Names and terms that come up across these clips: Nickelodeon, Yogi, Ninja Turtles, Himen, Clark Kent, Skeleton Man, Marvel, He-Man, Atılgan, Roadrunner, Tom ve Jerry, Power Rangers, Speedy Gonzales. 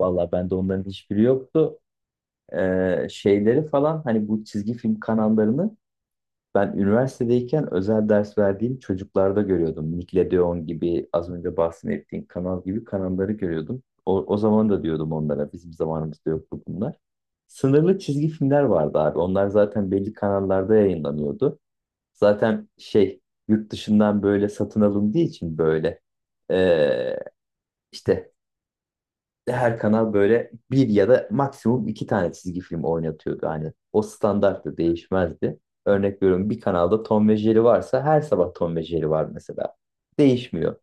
Vallahi bende onların hiçbiri yoktu. Şeyleri falan hani bu çizgi film kanallarını ben üniversitedeyken özel ders verdiğim çocuklarda görüyordum. Nickelodeon gibi az önce bahsettiğim kanal gibi kanalları görüyordum. O zaman da diyordum onlara bizim zamanımızda yoktu bunlar. Sınırlı çizgi filmler vardı abi. Onlar zaten belli kanallarda yayınlanıyordu. Zaten şey yurt dışından böyle satın alındığı için böyle ee, işte her kanal böyle bir ya da maksimum iki tane çizgi film oynatıyordu. Hani o standarttı, değişmezdi. Örnek veriyorum, bir kanalda Tom ve Jerry varsa her sabah Tom ve Jerry var mesela. Değişmiyor.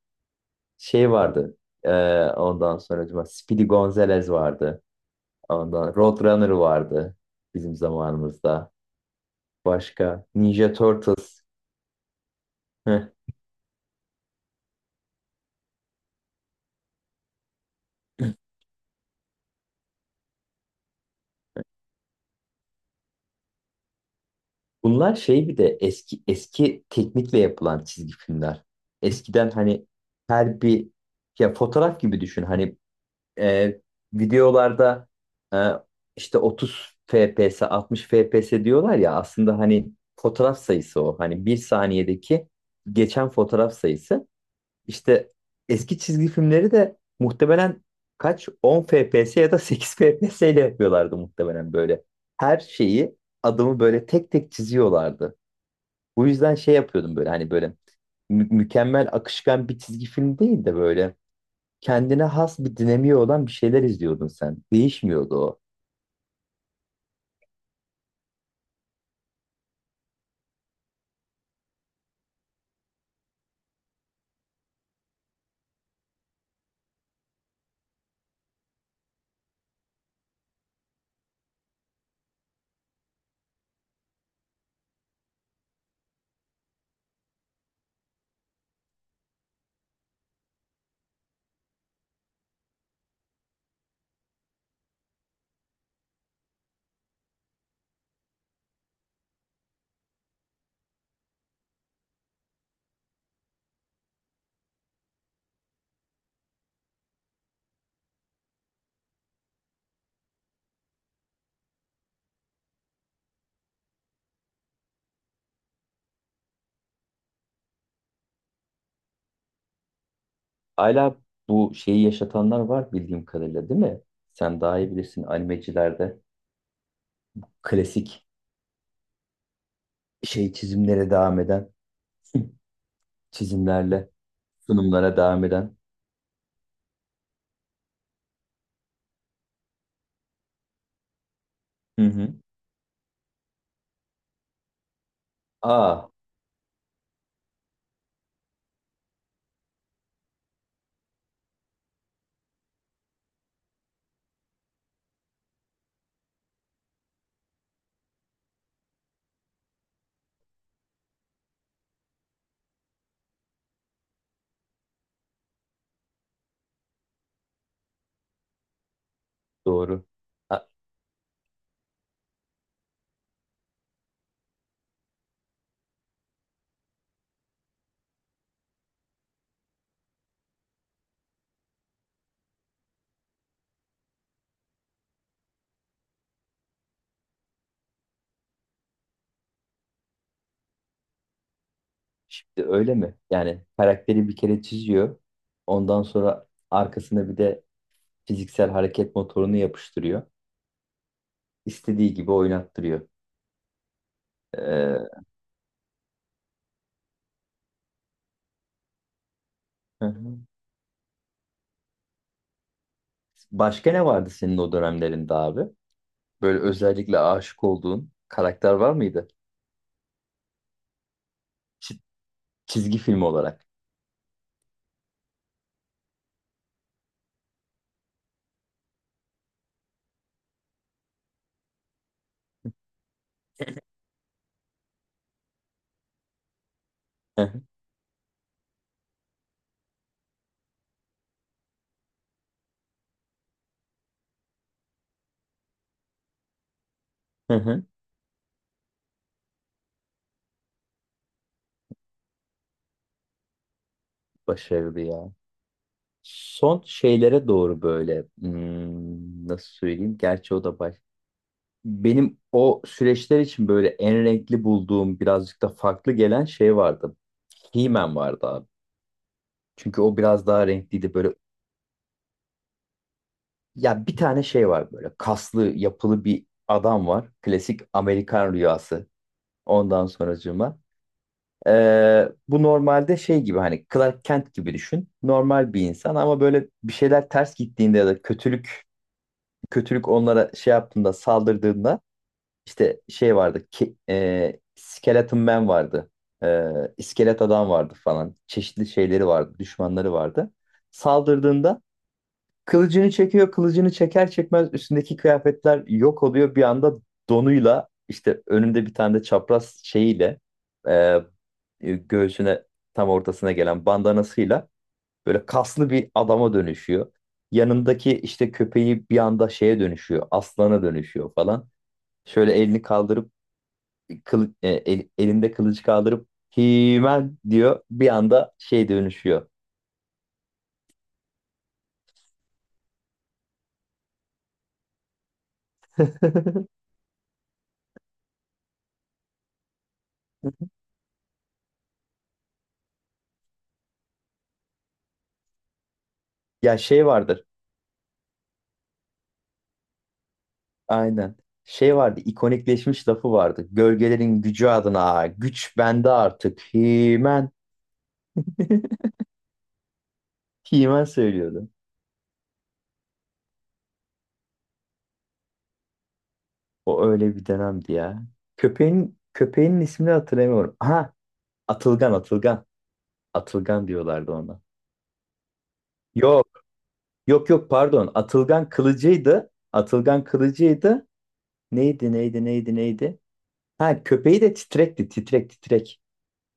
Şey vardı. e, ondan sonra acaba Speedy Gonzales vardı. Ondan Roadrunner vardı bizim zamanımızda. Başka Ninja Turtles. Heh. Bunlar şey, bir de eski eski teknikle yapılan çizgi filmler. Eskiden hani her bir, ya fotoğraf gibi düşün. Hani e, videolarda e, işte 30 FPS, 60 FPS diyorlar ya, aslında hani fotoğraf sayısı o. Hani bir saniyedeki geçen fotoğraf sayısı. İşte eski çizgi filmleri de muhtemelen kaç 10 FPS ya da 8 FPS ile yapıyorlardı muhtemelen böyle. Her şeyi, adımı böyle tek tek çiziyorlardı. Bu yüzden şey yapıyordum böyle, hani böyle mükemmel akışkan bir çizgi film değil de böyle kendine has bir dinamiği olan bir şeyler izliyordun sen. Değişmiyordu o. Hala bu şeyi yaşatanlar var bildiğim kadarıyla, değil mi? Sen daha iyi bilirsin, animecilerde klasik şey çizimlere devam eden çizimlerle sunumlara devam eden. Hı hı. Aa, doğru. Ha, şimdi öyle mi? Yani karakteri bir kere çiziyor. Ondan sonra arkasına bir de fiziksel hareket motorunu yapıştırıyor. İstediği gibi oynattırıyor. Ee, hı hı. Başka ne vardı senin o dönemlerinde abi? Böyle özellikle aşık olduğun karakter var mıydı? Çi- çizgi film olarak. Hı hı, hı hı. Başarılı ya. Son şeylere doğru böyle, nasıl söyleyeyim? Gerçi o da baş. Benim o süreçler için böyle en renkli bulduğum, birazcık da farklı gelen şey vardı. He-Man vardı abi. Çünkü o biraz daha renkliydi. Böyle, ya bir tane şey var, böyle kaslı yapılı bir adam var. Klasik Amerikan rüyası. Ondan sonracığıma. Bu normalde şey gibi, hani Clark Kent gibi düşün. Normal bir insan ama böyle bir şeyler ters gittiğinde ya da kötülük onlara şey yaptığında, saldırdığında, işte şey vardı ki, Skeleton Man vardı. Ee, iskelet adam vardı falan. Çeşitli şeyleri vardı, düşmanları vardı. Saldırdığında kılıcını çekiyor, kılıcını çeker çekmez üstündeki kıyafetler yok oluyor. Bir anda donuyla, işte önünde bir tane de çapraz şeyiyle, e, göğsüne tam ortasına gelen bandanasıyla böyle kaslı bir adama dönüşüyor. Yanındaki işte köpeği bir anda şeye dönüşüyor, aslana dönüşüyor falan. Şöyle elini kaldırıp, elinde kılıcı kaldırıp Himen diyor, bir anda şey dönüşüyor. Ya şey vardır. Aynen. Şey vardı, ikonikleşmiş lafı vardı. Gölgelerin gücü adına güç bende artık. Himen. Himen söylüyordu. O öyle bir dönemdi ya. Köpeğin ismini hatırlamıyorum. Aha, Atılgan, Atılgan. Atılgan diyorlardı ona. Yok, yok yok, pardon. Atılgan kılıcıydı. Atılgan kılıcıydı. Neydi, neydi, neydi, neydi? Ha, köpeği de titrekti, titrek, titrek.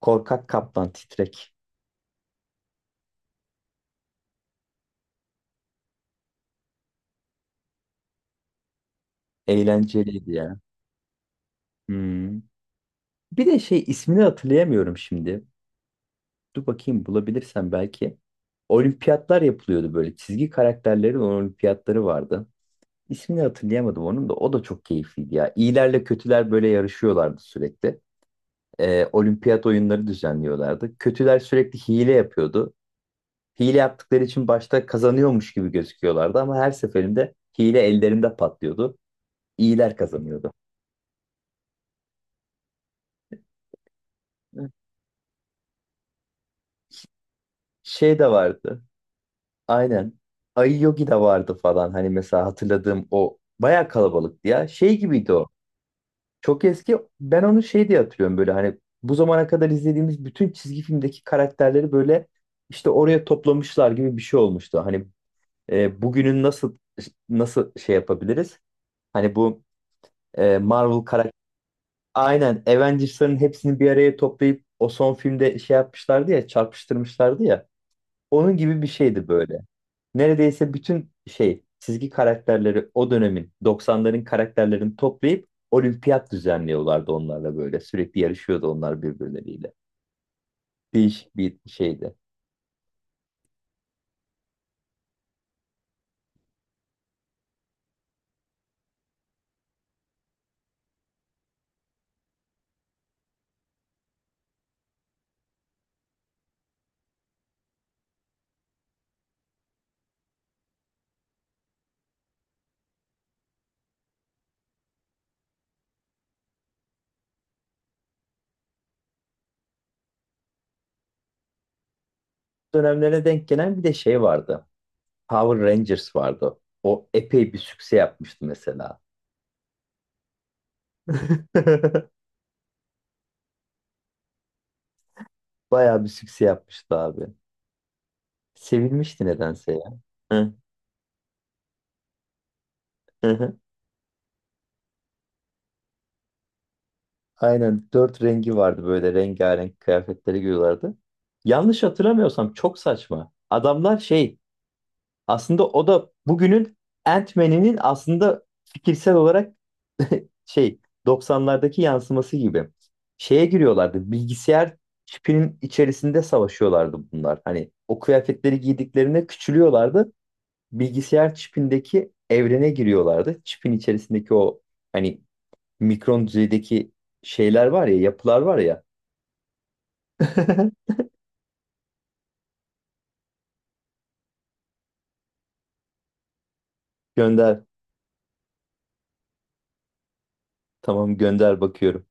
Korkak kaplan Titrek. Eğlenceliydi ya. Hmm. Bir de şey, ismini hatırlayamıyorum şimdi. Dur bakayım, bulabilirsem belki. Olimpiyatlar yapılıyordu böyle. Çizgi karakterlerin olimpiyatları vardı. İsmini hatırlayamadım onun da. O da çok keyifliydi ya. İyilerle kötüler böyle yarışıyorlardı sürekli. Olimpiyat oyunları düzenliyorlardı. Kötüler sürekli hile yapıyordu. Hile yaptıkları için başta kazanıyormuş gibi gözüküyorlardı ama her seferinde hile ellerinde patlıyordu. İyiler kazanıyordu. Şey de vardı. Aynen. Ayı Yogi de vardı falan. Hani mesela hatırladığım, o bayağı kalabalıktı ya. Şey gibiydi o. Çok eski. Ben onu şey diye hatırlıyorum, böyle hani bu zamana kadar izlediğimiz bütün çizgi filmdeki karakterleri böyle işte oraya toplamışlar gibi bir şey olmuştu. Hani bugünün, nasıl şey yapabiliriz? Hani bu Marvel karakter, aynen Avengers'ların hepsini bir araya toplayıp o son filmde şey yapmışlardı ya, çarpıştırmışlardı ya. Onun gibi bir şeydi böyle. Neredeyse bütün şey çizgi karakterleri, o dönemin, doksanların karakterlerini toplayıp olimpiyat düzenliyorlardı onlarla böyle. Sürekli yarışıyordu onlar birbirleriyle. Değişik bir şeydi. Dönemlere denk gelen bir de şey vardı. Power Rangers vardı. O epey bir sükse yapmıştı mesela. Bayağı bir sükse yapmıştı abi. Sevilmişti nedense ya. Aynen dört rengi vardı, böyle rengarenk kıyafetleri giyiyorlardı. Yanlış hatırlamıyorsam çok saçma. Adamlar şey, aslında o da bugünün Ant-Man'inin aslında fikirsel olarak şey, 90'lardaki yansıması gibi. Şeye giriyorlardı, bilgisayar çipinin içerisinde savaşıyorlardı bunlar. Hani o kıyafetleri giydiklerinde küçülüyorlardı. Bilgisayar çipindeki evrene giriyorlardı. Çipin içerisindeki o, hani mikron düzeydeki şeyler var ya, yapılar var ya. Gönder. Tamam, gönder, bakıyorum.